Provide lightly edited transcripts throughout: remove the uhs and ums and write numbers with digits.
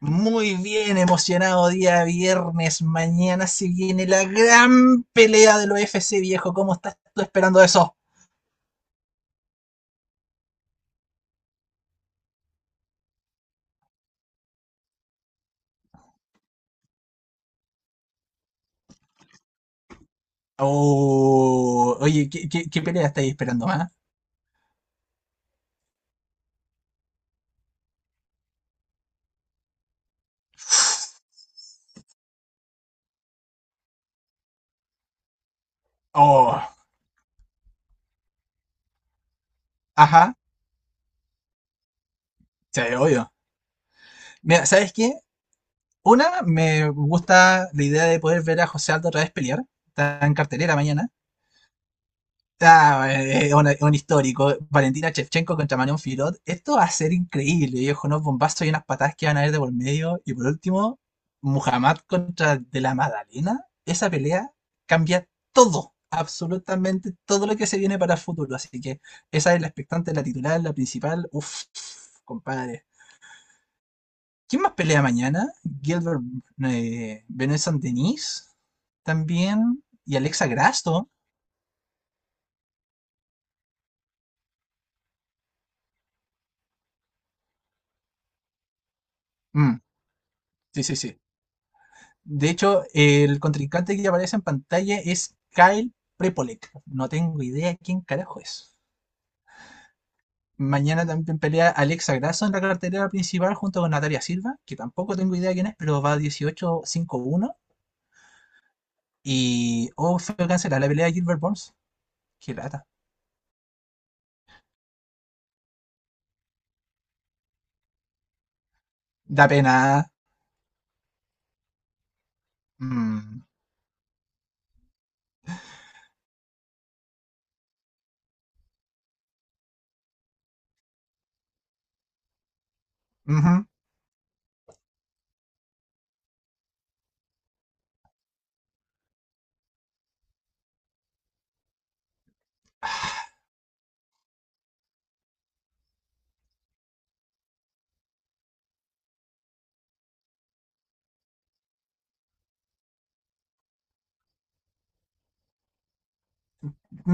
Muy bien, emocionado día viernes. Mañana se viene la gran pelea del UFC, viejo. ¿Cómo estás tú esperando eso? Oh, oye, ¿qué pelea estáis esperando, ah? Oh, ajá, sí, obvio. Mira, ¿sabes qué? Me gusta la idea de poder ver a José Aldo otra vez pelear. Está en cartelera mañana. Ah, es un histórico. Valentina Shevchenko contra Manon Filot. Esto va a ser increíble, viejo. Unos bombazos y unas patadas que van a haber de por medio. Y por último, Muhammad contra De la Madalena. Esa pelea cambia todo, absolutamente todo lo que se viene para el futuro. Así que esa es la expectante, la titular, la principal. Uf, compadre. ¿Quién más pelea mañana? Gilbert, Benson Denis también. Y Alexa Grasso. Mm, sí, sí, sí. De hecho, el contrincante que aparece en pantalla es Kyle Prepolek. No tengo idea quién carajo es. Mañana también pelea Alexa Grasso en la cartelera principal junto con Natalia Silva, que tampoco tengo idea quién es, pero va 18-5-1. Y. Oh, fue cancelada la pelea de Gilbert Burns. Qué lata. Da pena. Mm. Ujú.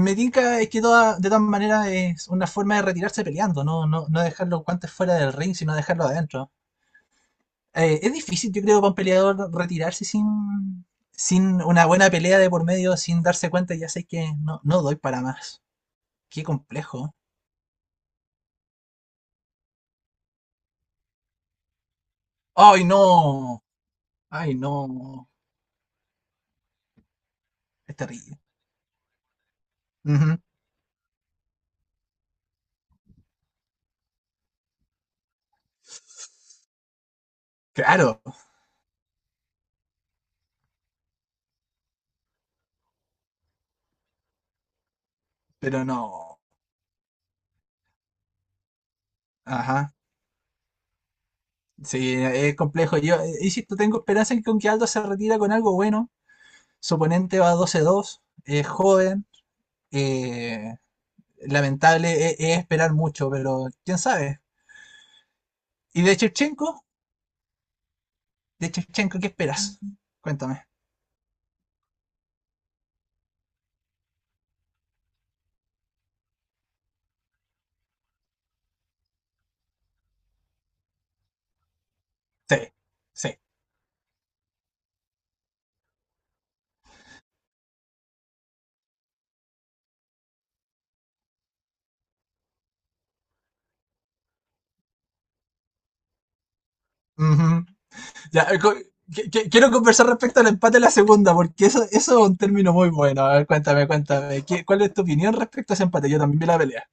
Me tinca es que de todas maneras es una forma de retirarse peleando, no, no, no dejar los guantes fuera del ring, sino dejarlo adentro. Es difícil, yo creo, para un peleador retirarse sin, sin una buena pelea de por medio, sin darse cuenta, ya sé que no, no doy para más. Qué complejo. ¡Ay, no! ¡Ay, no! Es terrible. Ujú. Claro, pero no. Ajá. Sí, es complejo. Yo, insisto, tengo esperanza en que con que Aldo se retira con algo bueno. Su oponente va 12-2, es joven. eh, Lamentable es esperar mucho, pero quién sabe. Y de Shevchenko, de Chevchenko, ¿qué esperas? Cuéntame. Sí, sí. Ujú. Ya, quiero conversar respecto al empate de la segunda, porque eso es un término muy bueno. A ver, cuéntame, cuéntame. ¿Cuál es tu opinión respecto a ese empate? Yo también vi la pelea.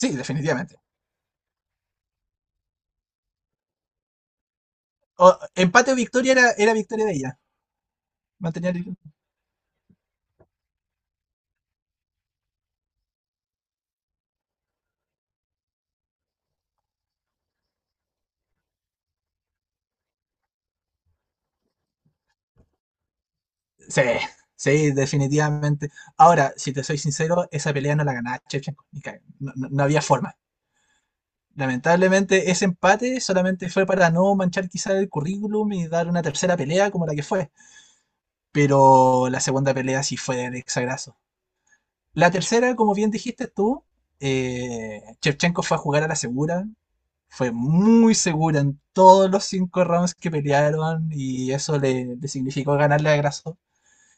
Sí, definitivamente. O- Empate o victoria era, era victoria de ella. Mantenía el- Sí, sí, definitivamente. Ahora, si te soy sincero, esa pelea no la ganaba Shevchenko. Ni caga- no, no había forma. Lamentablemente ese empate solamente fue para no manchar quizá el currículum y dar una tercera pelea como la que fue. Pero la segunda pelea sí fue del exagraso. La tercera, como bien dijiste tú, Shevchenko fue a jugar a la segura. Fue muy segura en todos los 5 rounds que pelearon y eso le, le significó ganarle a Grasso.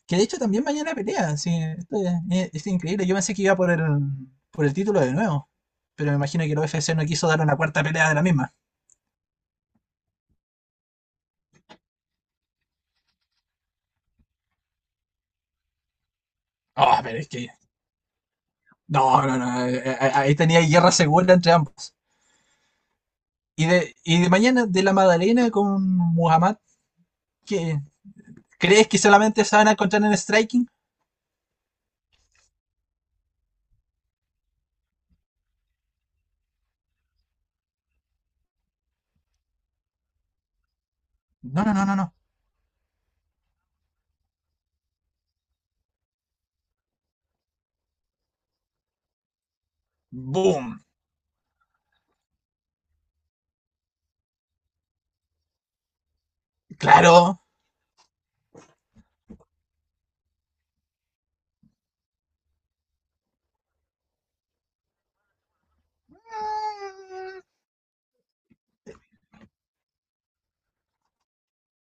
Que de hecho también mañana pelea. Sí, esto es increíble. Yo pensé que iba por el título de nuevo. Pero me imagino que el UFC no quiso dar una cuarta pelea de la misma. Ah, pero es que. No, no, no. Ahí tenía guerra segura entre ambos. Y de mañana, de la Madalena con Muhammad, ¿Qué ¿crees que solamente se van a encontrar en striking? No, no, no, no, no. ¡Boom! ¡Claro!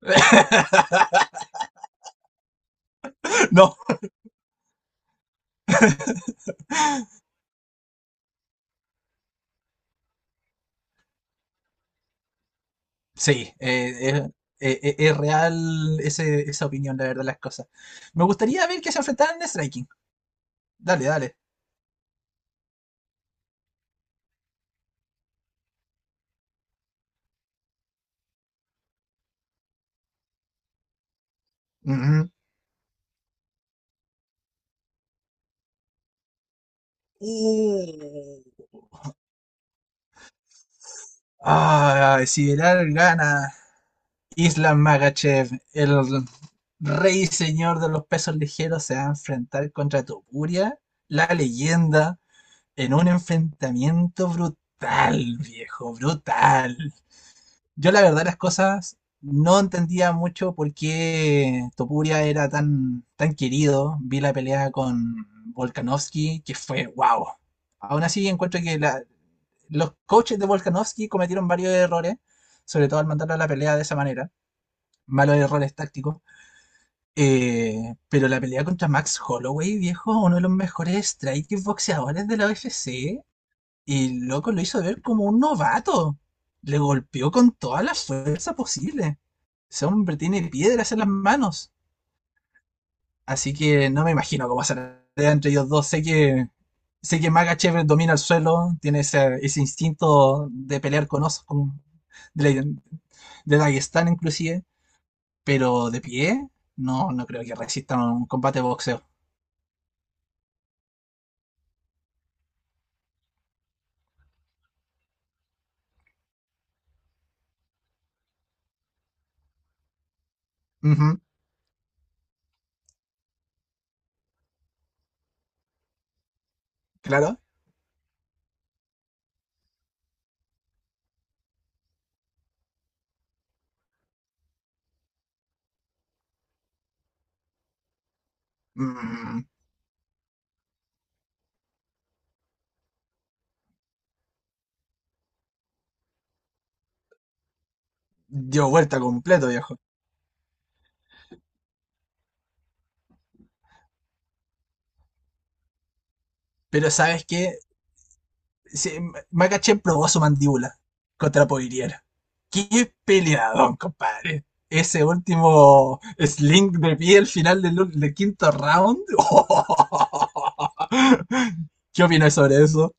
no, sí, es real, esa opinión, la verdad, las cosas. Me gustaría ver que se enfrentaran en striking. Dale, dale. Ujú. Uh. Ah, si Belal gana, Islam Magachev, el rey y señor de los pesos ligeros, se va a enfrentar contra Topuria, la leyenda, en un enfrentamiento brutal, viejo, brutal. Yo la verdad las cosas no entendía mucho por qué Topuria era tan, tan querido. Vi la pelea con Volkanovski, que fue wow. Aún así encuentro que los coaches de Volkanovski cometieron varios errores, sobre todo al mandarlo a la pelea de esa manera, malos errores tácticos. Pero la pelea contra Max Holloway, viejo, uno de los mejores strikers boxeadores de la UFC, y loco, lo hizo ver como un novato. Le golpeó con toda la fuerza posible. Ese hombre tiene piedras en las manos. Así que no me imagino cómo será entre ellos dos. Sé que Magachev domina el suelo, tiene ese instinto de pelear con osos, de, la- de Dagestán inclusive. Pero de pie, no, no creo que resista un combate de boxeo. Ujú, claro. Mm, dio vuelta completo, viejo. Pero ¿sabes qué? Sí, Makachev probó su mandíbula contra Poirier. ¡Qué peleadón, compadre! Ese último sling de pie al final del quinto round. ¿Qué opinas sobre eso?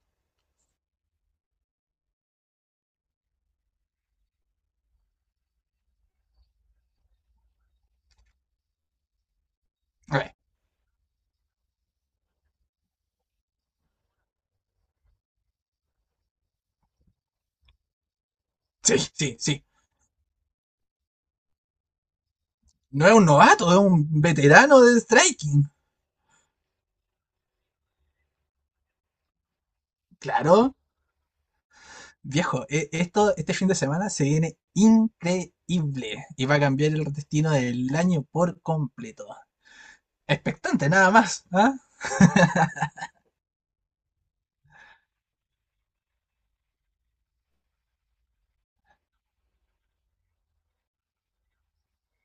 A ver, sí, sí, sí. No es un novato, es un veterano de striking. Claro. Viejo, este fin de semana se viene increíble y va a cambiar el destino del año por completo. Expectante, nada más, ¿ah?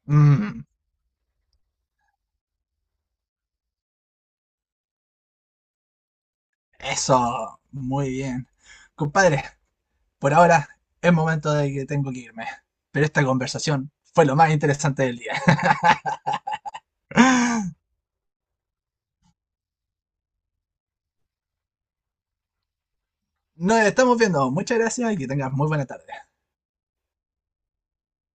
Mm, eso, muy bien. Compadre, por ahora es momento de que tengo que irme, pero esta conversación fue lo más interesante del día. Nos estamos viendo, muchas gracias y que tengas muy buena tarde.